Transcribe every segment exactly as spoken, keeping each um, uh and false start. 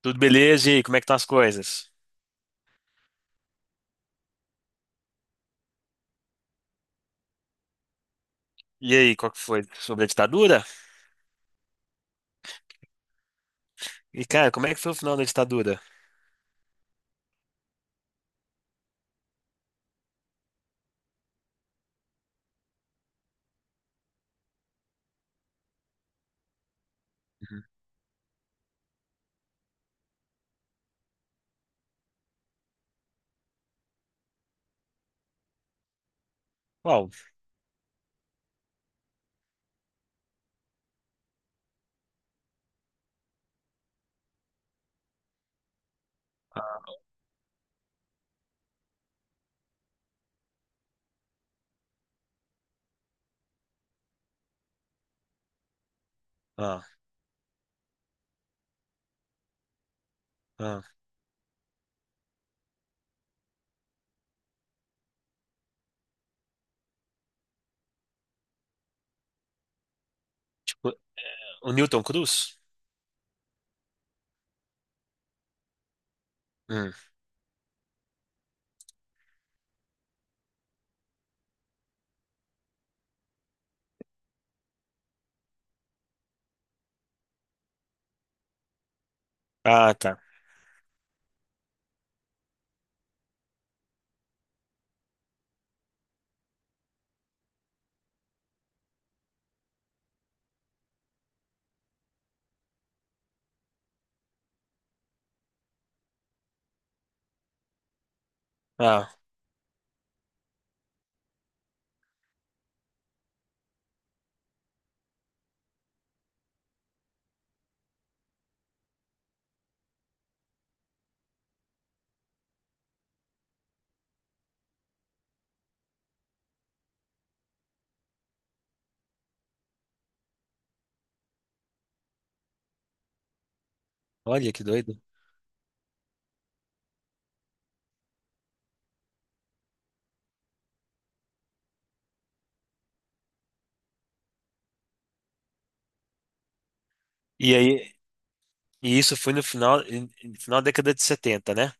Tudo beleza? E aí, como é que estão as coisas? E aí, qual que foi? Sobre a ditadura? E, cara, como é que foi o final da ditadura? Uhum. Qual? Ah, ah. O, o Newton Cruz? Hum. Ah, tá. Ah, olha que doido. E aí, e isso foi no final, em- em- final da década de setenta, né?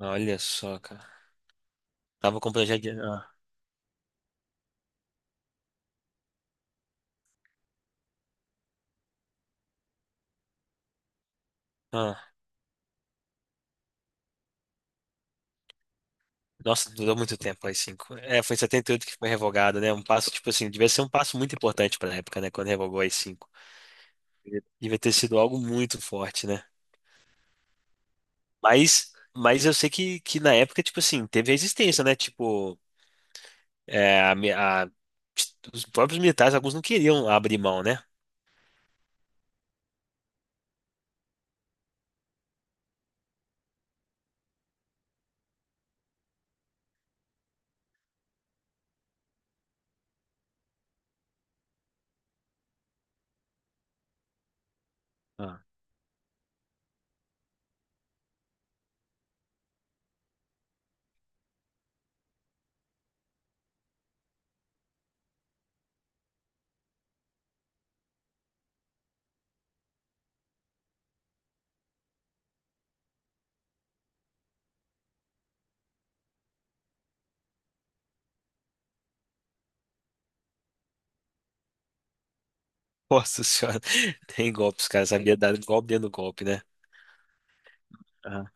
Olha só, cara. Tava com o projeto de... Ah, ah. Nossa, durou muito tempo aí, cinco. É, foi em setenta e oito que foi revogado, né? Um passo, tipo assim, devia ser um passo muito importante pra época, né? Quando revogou aí cinco. Devia ter sido algo muito forte, né? Mas, mas eu sei que, que na época, tipo assim, teve resistência, né? Tipo, é, a mi- a- os próprios militares, alguns não queriam abrir mão, né? Ah. Nossa senhora, tem golpe, os caras sabiam dar golpe dentro do golpe, né? Ah.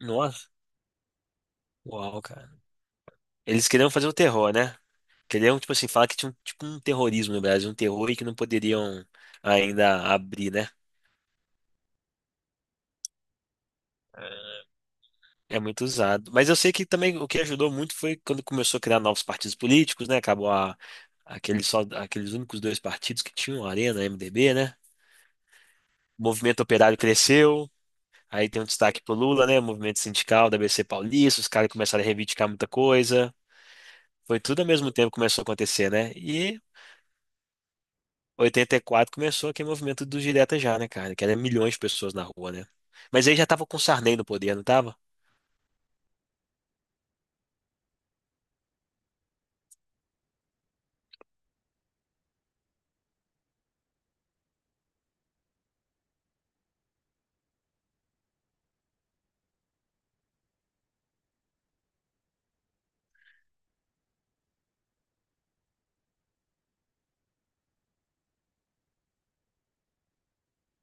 Nossa, uau, cara. Eles queriam fazer o terror, né? Queriam, tipo assim, falar que tinha um, tipo, um terrorismo no Brasil, um terror e que não poderiam ainda abrir, né? É muito usado. Mas eu sei que também o que ajudou muito foi quando começou a criar novos partidos políticos, né? Acabou a- aqueles, só, aqueles únicos dois partidos que tinham, a Arena, a M D B, né? O movimento operário cresceu, aí tem um destaque pro Lula, né? O movimento sindical da B C Paulista, os caras começaram a reivindicar muita coisa. Foi tudo ao mesmo tempo que começou a acontecer, né? E oitenta e quatro começou aquele movimento dos diretas já, né, cara? Que era milhões de pessoas na rua, né? Mas aí já tava com o Sarney no poder, não tava?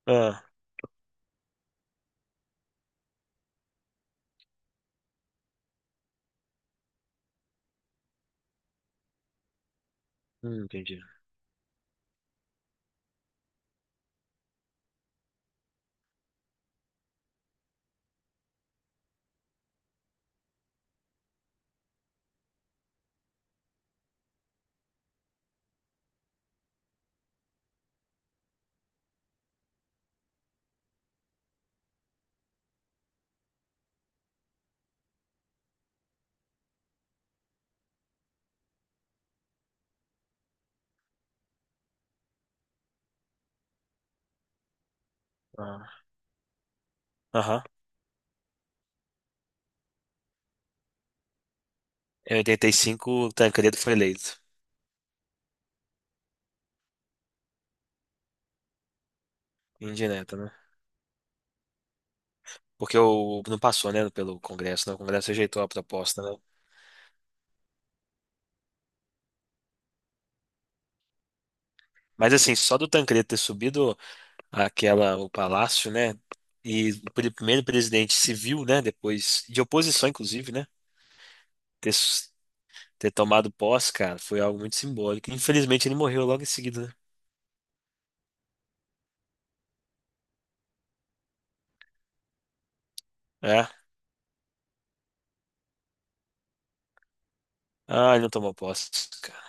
Ah, hum, entendi. Ah, aham. Em oitenta e cinco, o Tancredo foi eleito, indireto, né? Porque o, não passou, né, pelo Congresso, né? O Congresso rejeitou a proposta, né? Mas assim, só do Tancredo ter subido aquela, o palácio, né? E o pri- primeiro presidente civil, né? Depois, de oposição, inclusive, né? Ter, s- ter tomado posse, cara, foi algo muito simbólico. Infelizmente, ele morreu logo em seguida, né? É. Ah, ele não tomou posse, cara.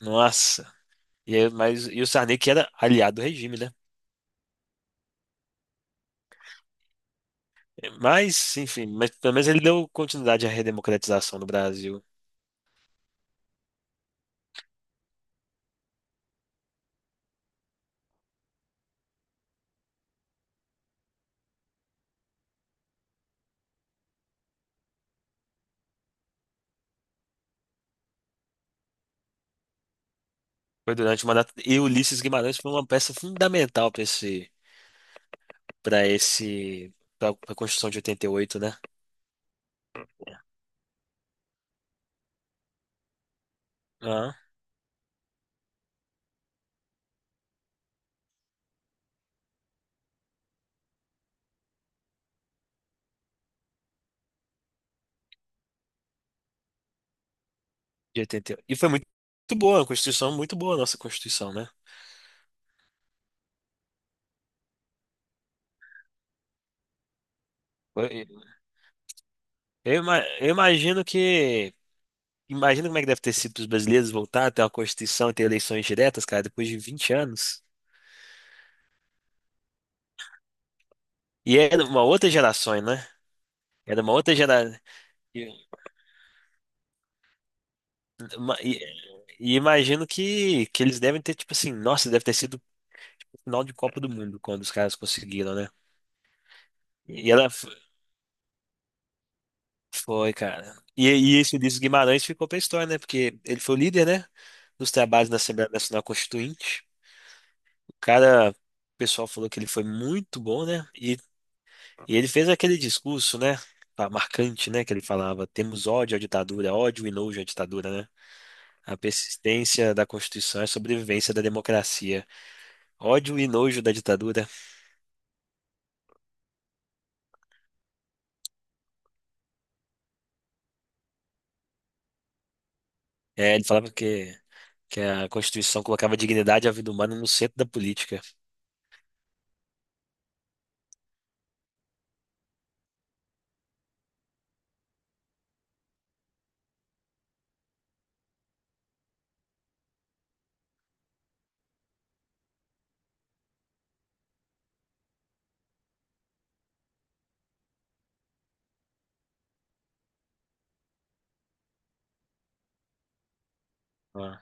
Nossa. E, aí- mas, e o Sarney, que era aliado do regime, né? Mas, enfim, mas pelo menos ele deu continuidade à redemocratização do Brasil. Foi durante o mandato. E Ulisses Guimarães foi uma peça fundamental para esse, para esse, para a Constituição de oitenta e oito, né? Ah, de oitenta e oito. E oito. E foi muito, boa, a Constituição, muito boa a nossa Constituição, né? Foi- Eu, ima- eu imagino que. Imagina como é que deve ter sido para os brasileiros voltar a ter uma Constituição e ter eleições diretas, cara, depois de vinte anos. E era uma outra geração, né? Era uma outra geração. ma- E, e imagino que, que eles devem ter, tipo assim, nossa, deve ter sido o final de Copa do Mundo quando os caras conseguiram, né? E ela f- foi, cara. E, e esse Ulisses Guimarães ficou pra história, né? Porque ele foi o líder, né? Dos trabalhos na Assembleia Nacional Constituinte. O cara, o pessoal falou que ele foi muito bom, né? E, e ele fez aquele discurso, né? ah, Marcante, né? Que ele falava: temos ódio à ditadura, ódio e nojo à ditadura, né? A persistência da Constituição é a sobrevivência da democracia. Ódio e nojo da ditadura. É, ele falava que, que a Constituição colocava a dignidade e a vida humana no centro da política. Ah,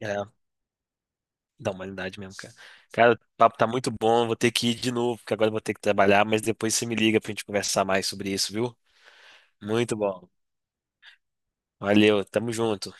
é, da humanidade mesmo, cara. Cara, o papo tá muito bom, vou ter que ir de novo, porque agora eu vou ter que trabalhar, mas depois você me liga pra gente conversar mais sobre isso, viu? Muito bom. Valeu, tamo junto.